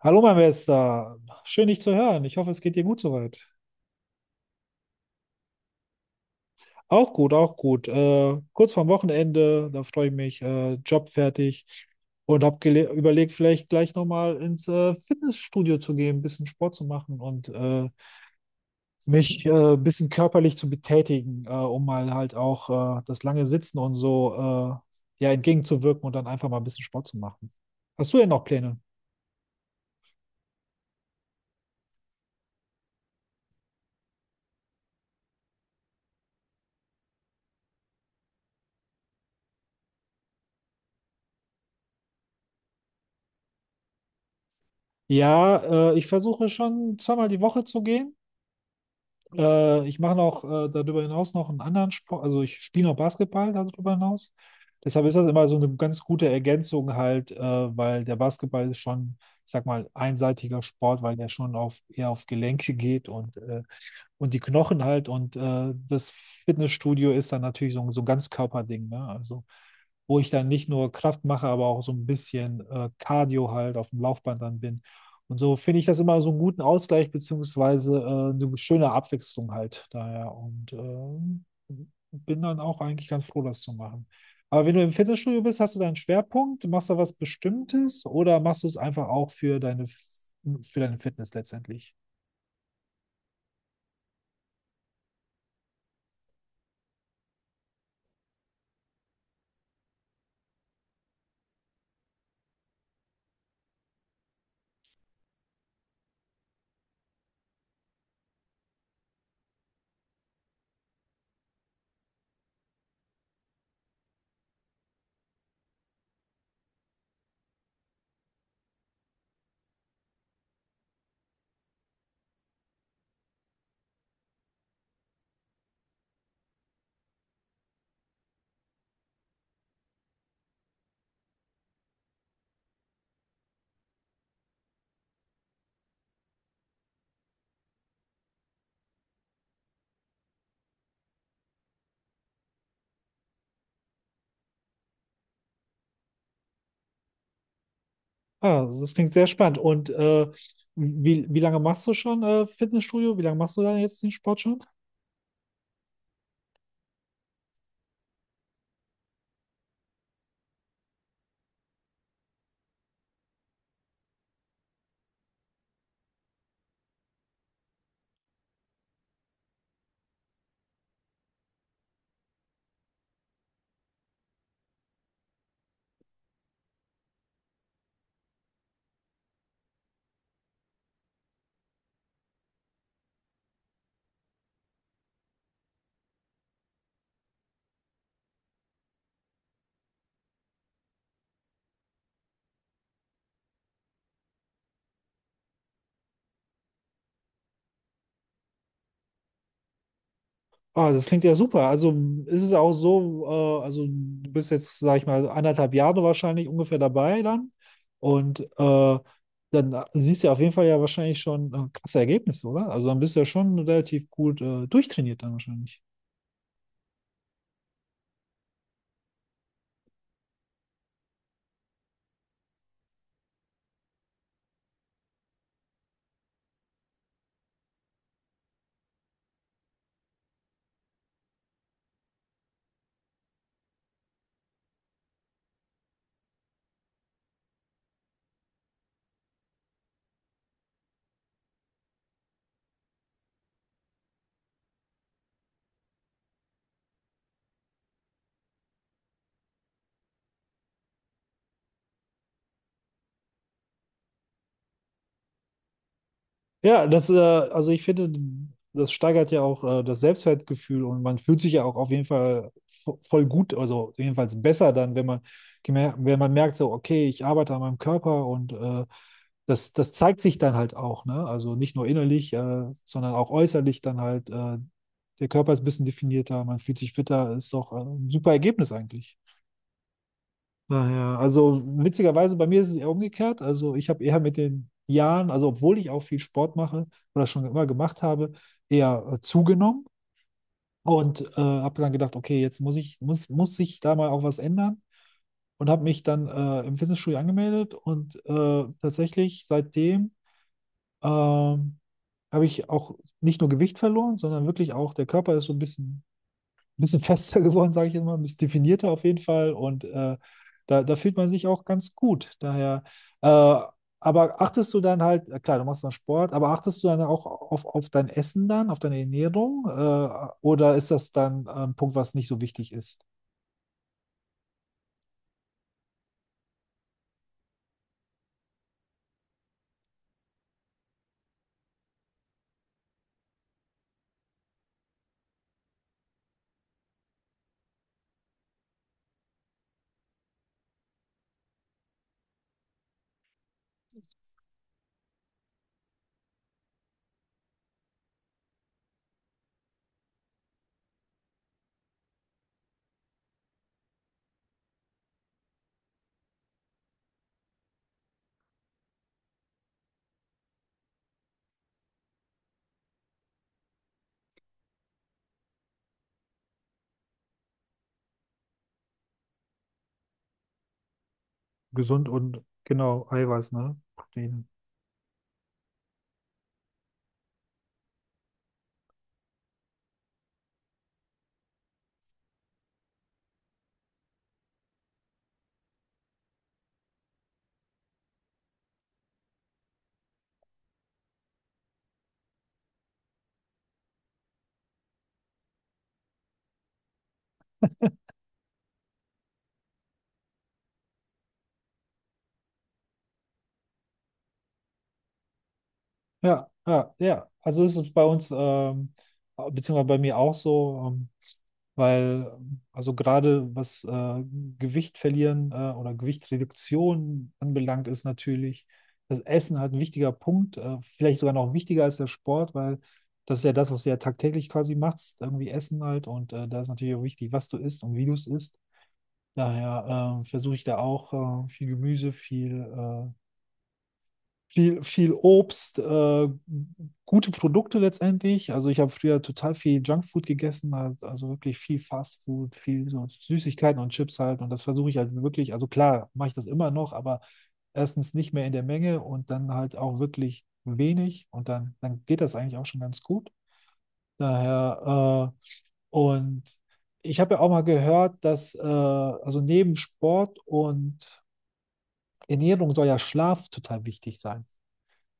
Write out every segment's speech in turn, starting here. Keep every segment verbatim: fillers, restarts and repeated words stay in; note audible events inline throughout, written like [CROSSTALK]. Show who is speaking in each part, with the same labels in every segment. Speaker 1: Hallo, mein Bester. Schön, dich zu hören. Ich hoffe, es geht dir gut soweit. Auch gut, auch gut. Äh, kurz vorm Wochenende, da freue ich mich. Äh, Job fertig und habe überlegt, vielleicht gleich nochmal ins äh, Fitnessstudio zu gehen, ein bisschen Sport zu machen und äh, mich äh, ein bisschen körperlich zu betätigen, äh, um mal halt auch äh, das lange Sitzen und so äh, ja, entgegenzuwirken und dann einfach mal ein bisschen Sport zu machen. Hast du denn noch Pläne? Ja, äh, ich versuche schon zweimal die Woche zu gehen. Äh, ich mache noch äh, darüber hinaus noch einen anderen Sport, also ich spiele noch Basketball darüber hinaus. Deshalb ist das immer so eine ganz gute Ergänzung halt, äh, weil der Basketball ist schon, ich sag mal, einseitiger Sport, weil der schon auf, eher auf Gelenke geht und, äh, und die Knochen halt. Und äh, das Fitnessstudio ist dann natürlich so, ein- so ein Ganzkörperding, ne? Also wo ich dann nicht nur Kraft mache, aber auch so ein bisschen äh, Cardio halt auf dem Laufband dann bin. Und so finde ich das immer so einen guten Ausgleich, beziehungsweise äh, eine schöne Abwechslung halt daher. Und ähm, bin dann auch eigentlich ganz froh, das zu machen. Aber wenn du im Fitnessstudio bist, hast du deinen Schwerpunkt, machst du was Bestimmtes oder machst du es einfach auch für deine, für deine Fitness letztendlich? Ah, also das klingt sehr spannend. Und äh, wie, wie lange machst du schon äh, Fitnessstudio? Wie lange machst du da jetzt den Sport schon? Ah, das klingt ja super. Also ist es auch so, äh, also du bist jetzt, sag ich mal, anderthalb Jahre wahrscheinlich ungefähr dabei dann. Und äh, dann äh, siehst du ja auf jeden Fall ja wahrscheinlich schon äh, krasse Ergebnisse, oder? Also dann bist du ja schon relativ gut äh, durchtrainiert dann wahrscheinlich. Ja, das, äh, also ich finde, das steigert ja auch äh, das Selbstwertgefühl und man fühlt sich ja auch auf jeden Fall vo- voll gut, also jedenfalls besser dann, wenn man, gemer- wenn man merkt, so, okay, ich arbeite an meinem Körper und äh, das, das zeigt sich dann halt auch, ne? Also nicht nur innerlich, äh, sondern auch äußerlich dann halt. Äh, der Körper ist ein bisschen definierter, man fühlt sich fitter, ist doch äh, ein super Ergebnis eigentlich. Daher, also witzigerweise, bei mir ist es eher umgekehrt. Also ich habe eher mit den Jahren, also obwohl ich auch viel Sport mache oder schon immer gemacht habe, eher äh, zugenommen und äh, habe dann gedacht, okay, jetzt muss ich, muss, muss sich da mal auch was ändern und habe mich dann äh, im Fitnessstudio angemeldet und äh, tatsächlich seitdem ähm, habe ich auch nicht nur Gewicht verloren, sondern wirklich auch der Körper ist so ein bisschen ein bisschen fester [LAUGHS] geworden, sage ich jetzt mal, ein bisschen definierter auf jeden Fall. Und äh, da, da fühlt man sich auch ganz gut. Daher, äh, aber achtest du dann halt, äh, klar, du machst dann Sport, aber achtest du dann auch auf, auf dein Essen dann, auf deine Ernährung? Äh, oder ist das dann ein Punkt, was nicht so wichtig ist? Gesund und genau, Eiweiß, ne? Proteine. Ja, ja, ja. Also ist es ist bei uns, ähm, beziehungsweise bei mir auch so. Ähm, Weil, also gerade was äh, Gewicht verlieren äh, oder Gewichtreduktion anbelangt, ist natürlich das Essen halt ein wichtiger Punkt, äh, vielleicht sogar noch wichtiger als der Sport, weil das ist ja das, was du ja tagtäglich quasi machst, irgendwie Essen halt. Und äh, da ist natürlich auch wichtig, was du isst und wie du es isst. Daher äh, versuche ich da auch äh, viel Gemüse, viel äh, viel, viel Obst, äh, gute Produkte letztendlich. Also ich habe früher total viel Junkfood gegessen, halt, also wirklich viel Fastfood, viel so Süßigkeiten und Chips halt. Und das versuche ich halt wirklich, also klar, mache ich das immer noch, aber erstens nicht mehr in der Menge und dann halt auch wirklich wenig. Und dann, dann geht das eigentlich auch schon ganz gut. Daher, äh, und ich habe ja auch mal gehört, dass, äh, also neben Sport und Ernährung soll ja Schlaf total wichtig sein.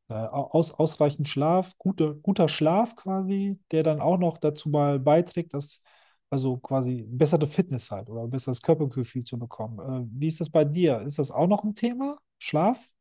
Speaker 1: Äh, au- aus, ausreichend Schlaf, gute, guter Schlaf quasi, der dann auch noch dazu mal beiträgt, dass also quasi bessere Fitness halt oder besseres Körpergefühl zu bekommen. Äh, wie ist das bei dir? Ist das auch noch ein Thema? Schlaf?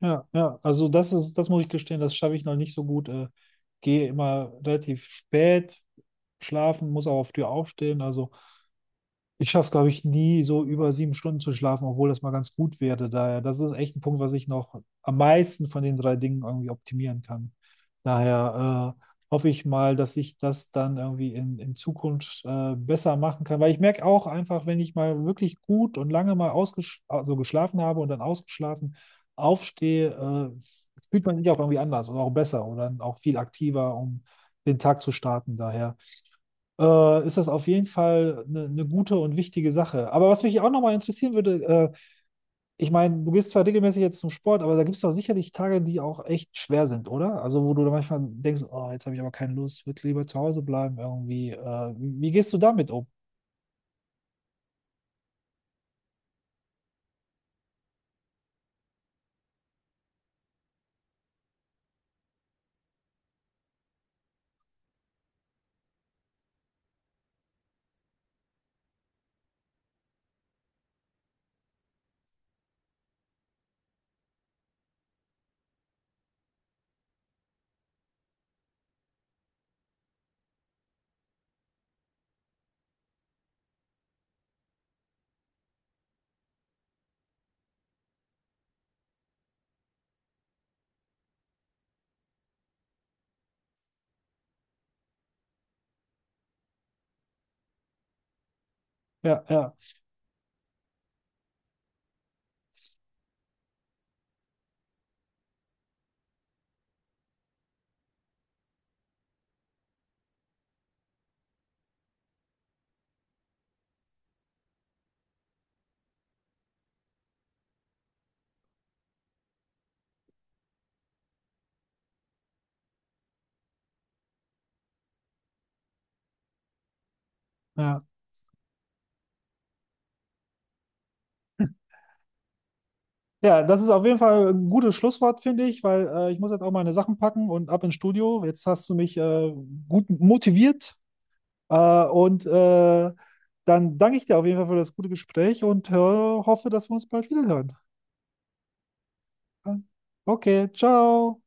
Speaker 1: Ja, ja, also das ist, das muss ich gestehen, das schaffe ich noch nicht so gut. Äh, gehe immer relativ spät schlafen, muss auch auf Tür aufstehen. Also ich schaffe es, glaube ich, nie so über sieben Stunden zu schlafen, obwohl das mal ganz gut wäre. Daher, das ist echt ein Punkt, was ich noch am meisten von den drei Dingen irgendwie optimieren kann. Daher äh, hoffe ich mal, dass ich das dann irgendwie in, in Zukunft äh, besser machen kann. Weil ich merke auch einfach, wenn ich mal wirklich gut und lange mal ausgesch also geschlafen habe und dann ausgeschlafen aufstehe, äh, fühlt man sich auch irgendwie anders oder auch besser oder auch viel aktiver, um den Tag zu starten. Daher äh, ist das auf jeden Fall eine, eine gute und wichtige Sache. Aber was mich auch nochmal interessieren würde, äh, ich meine, du gehst zwar regelmäßig jetzt zum Sport, aber da gibt es doch sicherlich Tage, die auch echt schwer sind, oder? Also wo du dann manchmal denkst, oh, jetzt habe ich aber keine Lust, würde lieber zu Hause bleiben irgendwie. Äh, wie gehst du damit um? Ja, ja, ja. [CLEARS THROAT] Ja, das ist auf jeden Fall ein gutes Schlusswort, finde ich, weil äh, ich muss jetzt auch meine Sachen packen und ab ins Studio. Jetzt hast du mich äh, gut motiviert. Äh, und äh, Dann danke ich dir auf jeden Fall für das gute Gespräch und hör, hoffe, dass wir uns bald wieder hören. Okay, ciao.